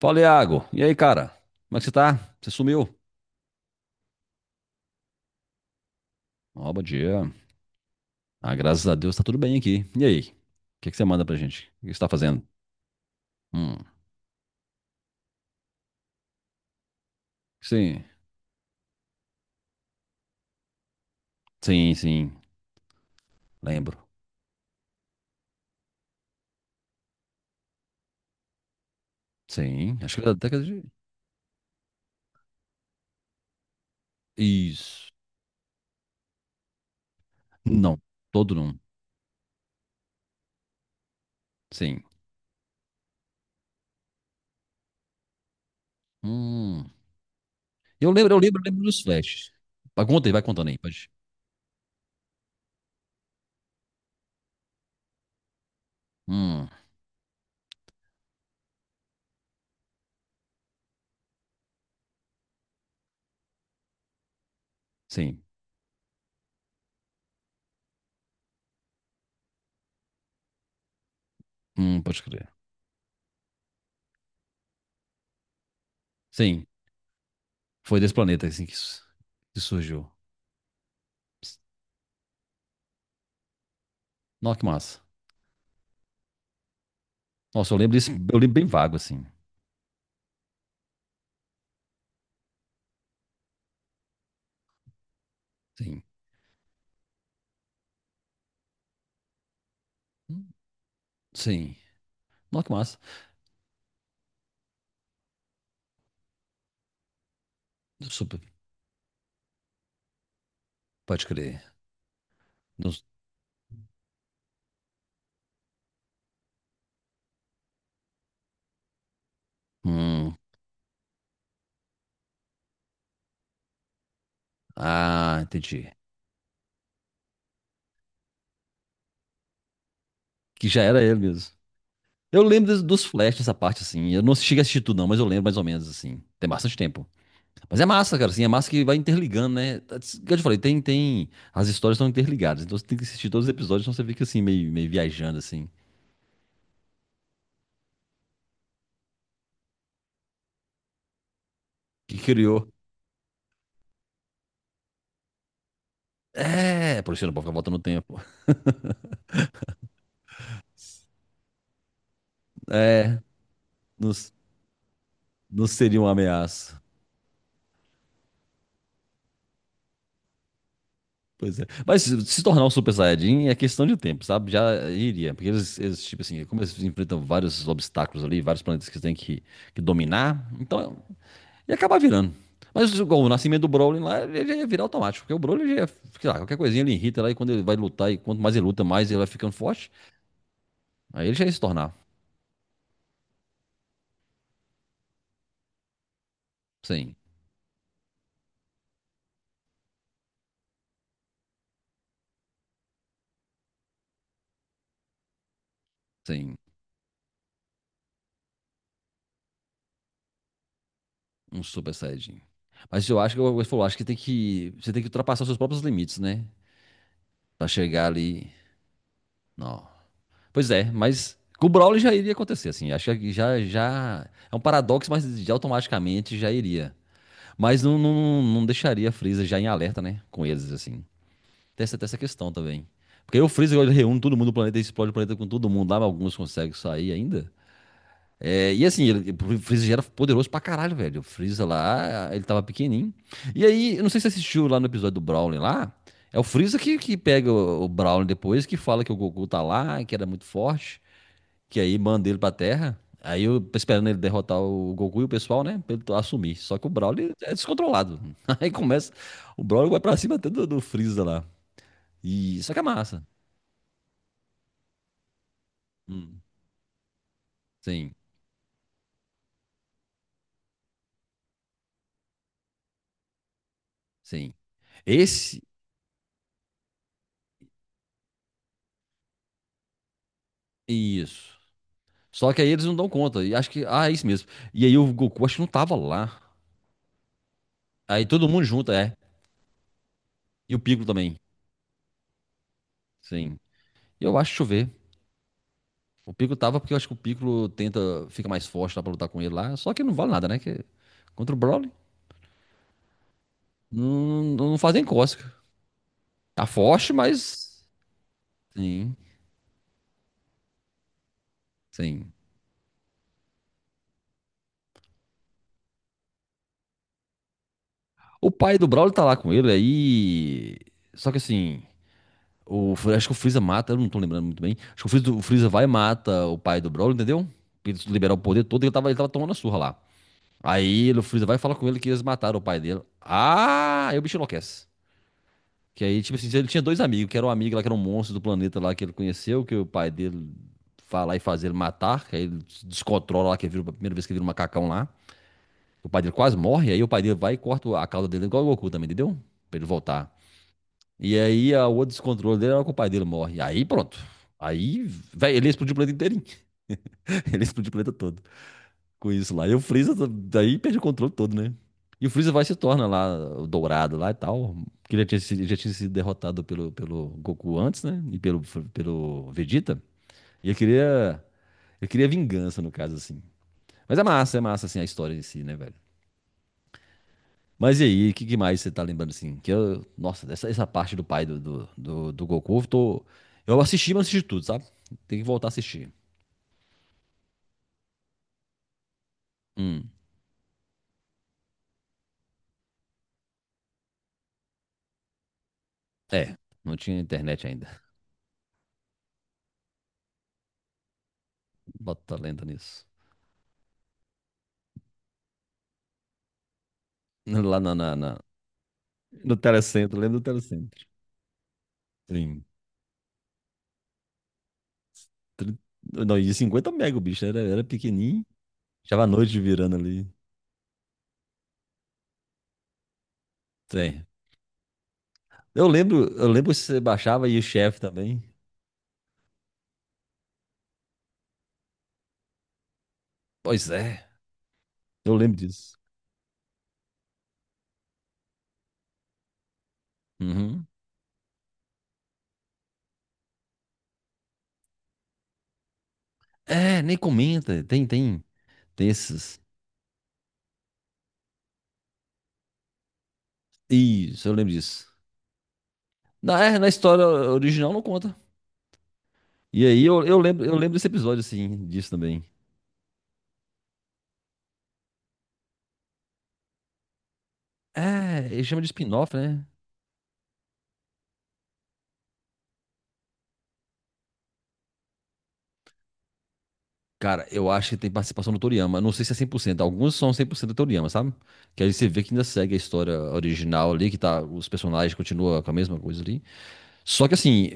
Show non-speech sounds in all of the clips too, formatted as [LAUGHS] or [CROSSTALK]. Fala, Iago. E aí, cara? Como é que você tá? Você sumiu? Ó, bom dia. Ah, graças a Deus tá tudo bem aqui. E aí? O que que você manda pra gente? O que você tá fazendo? Hum, sim. Sim, sim. Lembro. Sim. Acho que era da década de... Isso. Não. Todo não. Sim. Hum. Eu lembro dos flashes. Vai, conta aí, vai contando aí. Pode. Hum. Sim. Pode crer. Sim. Foi desse planeta, assim, que, que surgiu. Nossa, que massa. Nossa, eu lembro disso. Eu lembro bem vago, assim. Sim. Sim. Nossa, que massa. Super. Pode crer. Nos- Hum. Ah, entendi. Que já era ele mesmo. Eu lembro dos flashes dessa parte, assim. Eu não cheguei a assistir tudo, não, mas eu lembro mais ou menos, assim. Tem bastante tempo. Mas é massa, cara, assim. É massa que vai interligando, né? Como eu te falei, tem. As histórias estão interligadas. Então você tem que assistir todos os episódios, senão você fica, assim, meio viajando, assim. Que criou. É, por isso eu não pode ficar voltando no tempo. Não, não seria uma ameaça. Pois é. Mas se se tornar um Super Saiyajin é questão de tempo, sabe? Já iria. Porque eles, tipo assim, como eles enfrentam vários obstáculos ali, vários planetas que eles têm que dominar, então ia acabar virando. Mas igual o nascimento do Broly lá, ele já ia virar automático, porque o Broly já ia, sei lá, qualquer coisinha ele irrita lá e quando ele vai lutar, e quanto mais ele luta, mais ele vai ficando forte. Aí ele já ia se tornar, sem, sem um Super Saiyajin. Mas eu acho que, como você falou, acho que você tem que ultrapassar os seus próprios limites, né? Pra chegar ali. Não. Pois é, mas com o Brawley já iria acontecer, assim. Acho que já é um paradoxo, mas já automaticamente já iria. Mas não, não, não deixaria a Freeza já em alerta, né? Com eles, assim. Tem essa questão também. Porque aí o Freeza ele reúne todo mundo do planeta e explode o planeta com todo mundo lá, mas alguns conseguem sair ainda. É, e assim, o Freeza já era poderoso pra caralho, velho. O Freeza lá, ele tava pequenininho. E aí, eu não sei se você assistiu lá no episódio do Brawley lá. É o Freeza que pega o Brawley depois, que fala que o Goku tá lá, que era muito forte que aí manda ele pra Terra. Aí eu esperando ele derrotar o Goku e o pessoal, né? Pra ele assumir. Só que o Broly é descontrolado. [LAUGHS] Aí começa. O Broly vai pra cima até do Freeza lá. E só que é massa. Hum, sim, sim. Esse. Isso. Só que aí eles não dão conta. E acho que. Ah, é isso mesmo. E aí o Goku acho que não tava lá. Aí todo mundo junto, é. E o Piccolo também. Sim. Eu acho, deixa eu ver. O Piccolo tava porque eu acho que o Piccolo tenta. Fica mais forte lá pra lutar com ele lá. Só que não vale nada, né? Que, contra o Broly. Não, não fazem cócega. Tá forte, mas. Sim, sim. O pai do Brawler tá lá com ele aí. Só que assim. O, acho que o Freeza mata, eu não tô lembrando muito bem. Acho que o Freeza vai e mata o pai do Brawler, entendeu? Pra ele liberar o poder todo, ele tava tomando a surra lá. O Freeza vai e fala com ele que eles mataram o pai dele. Ah, aí o bicho enlouquece. Que aí, tipo assim, ele tinha dois amigos, que era um amigo lá, que era um monstro do planeta lá que ele conheceu, que o pai dele vai lá e faz ele matar, que aí ele se descontrola lá, que ele vira, a primeira vez que ele vira um macacão lá. O pai dele quase morre, aí o pai dele vai e corta a cauda dele igual o Goku também, entendeu? Pra ele voltar. E aí o outro descontrole dele era que o pai dele morre. Aí pronto. Aí, velho, ele explodiu o planeta inteirinho. [LAUGHS] Ele explodiu o planeta todo com isso lá. E o Freeza daí perde o controle todo, né? E o Freeza vai e se torna lá o dourado lá e tal. Que ele já tinha sido derrotado pelo Goku antes, né? E pelo Vegeta. E ele queria vingança, no caso, assim. Mas é massa, assim, a história em si, né, velho? Mas e aí, o que, que mais você tá lembrando assim? Que eu, nossa, dessa essa parte do pai do Goku, eu tô. Eu assisti, mas não assisti tudo, sabe? Tem que voltar a assistir. Hum. É, não tinha internet ainda. [LAUGHS] Bota lenda nisso. Lá no telecentro, lembra do telecentro. Sim. Tri- Não, e 50 mega o bicho, era pequenininho. Tava a noite virando ali. Sim. Eu lembro se você baixava e o chefe também. Pois é, eu lembro disso. Uhum. É, nem comenta, tem esses. Isso, eu lembro disso. Na história original não conta. E aí eu lembro desse episódio, assim, disso também. É, ele chama de spin-off, né? Cara, eu acho que tem participação do Toriyama. Não sei se é 100%. Alguns são 100% do Toriyama, sabe? Que aí você vê que ainda segue a história original ali, que tá, os personagens continuam com a mesma coisa ali. Só que assim,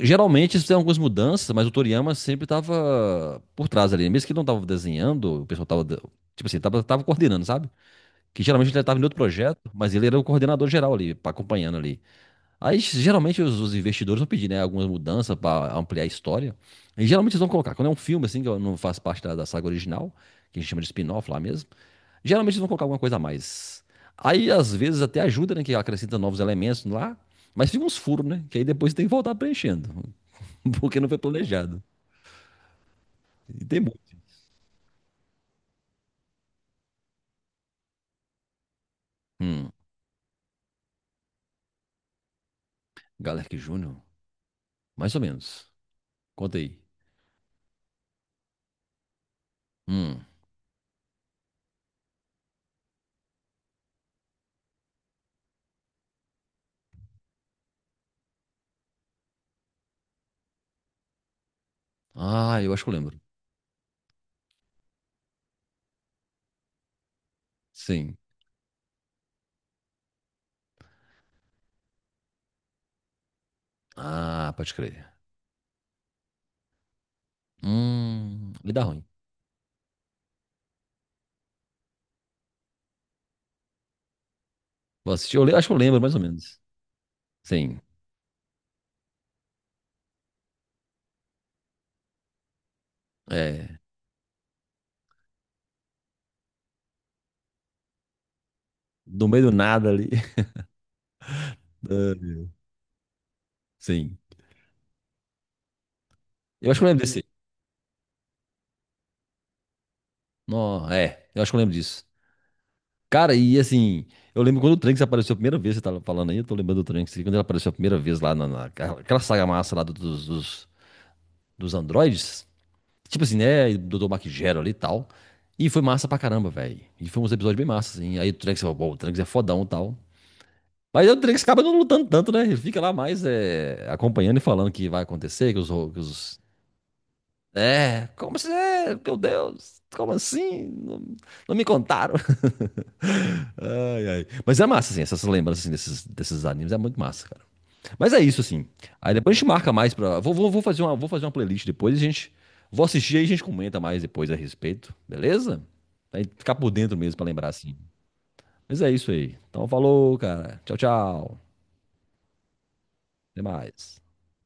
geralmente isso tem algumas mudanças, mas o Toriyama sempre tava por trás ali. Mesmo que ele não tava desenhando, o pessoal tava, tipo assim, tava coordenando, sabe? Que geralmente ele estava em outro projeto, mas ele era o coordenador geral ali, acompanhando ali. Aí geralmente os investidores vão pedir, né, algumas mudanças para ampliar a história. E geralmente eles vão colocar, quando é um filme assim, que eu não faz parte da saga original, que a gente chama de spin-off lá mesmo, geralmente eles vão colocar alguma coisa a mais. Aí às vezes até ajuda, né, que acrescenta novos elementos lá, mas fica uns furos, né, que aí depois tem que voltar preenchendo, [LAUGHS] porque não foi planejado. E tem muito. Hum, Galerk Júnior? Mais ou menos. Conta aí. Hum. Ah, eu acho que eu lembro. Sim. Ah, pode crer. Vai dar ruim. Vou assistir, acho que eu lembro mais ou menos. Sim, é. Do meio do nada ali. [LAUGHS] Ah, meu. Sim. Eu acho que eu lembro desse. Não, é, eu acho que eu lembro disso. Cara, e assim, eu lembro quando o Trunks apareceu a primeira vez, você tava falando aí, eu tô lembrando do Trunks, quando ele apareceu a primeira vez lá aquela saga massa lá dos androides. Tipo assim, né, e do Dr. Mac Gero ali e tal. E foi massa pra caramba, velho. E foi uns episódios bem massa, assim. Aí o Trunks falou, pô, o Trunks é fodão e tal. Mas o Drake acaba não lutando tanto, né? Ele fica lá mais é, acompanhando e falando que vai acontecer, que os- É, como assim? É, meu Deus, como assim? Não, não me contaram. [LAUGHS] Ai, ai. Mas é massa, assim, essas lembranças assim, desses animes é muito massa, cara. Mas é isso, assim. Aí depois a gente marca mais pra. Vou fazer uma playlist depois, a gente. Vou assistir aí e a gente comenta mais depois a respeito, beleza? Aí ficar por dentro mesmo pra lembrar, assim. Mas é isso aí. Então falou, cara. Tchau, tchau. Até mais.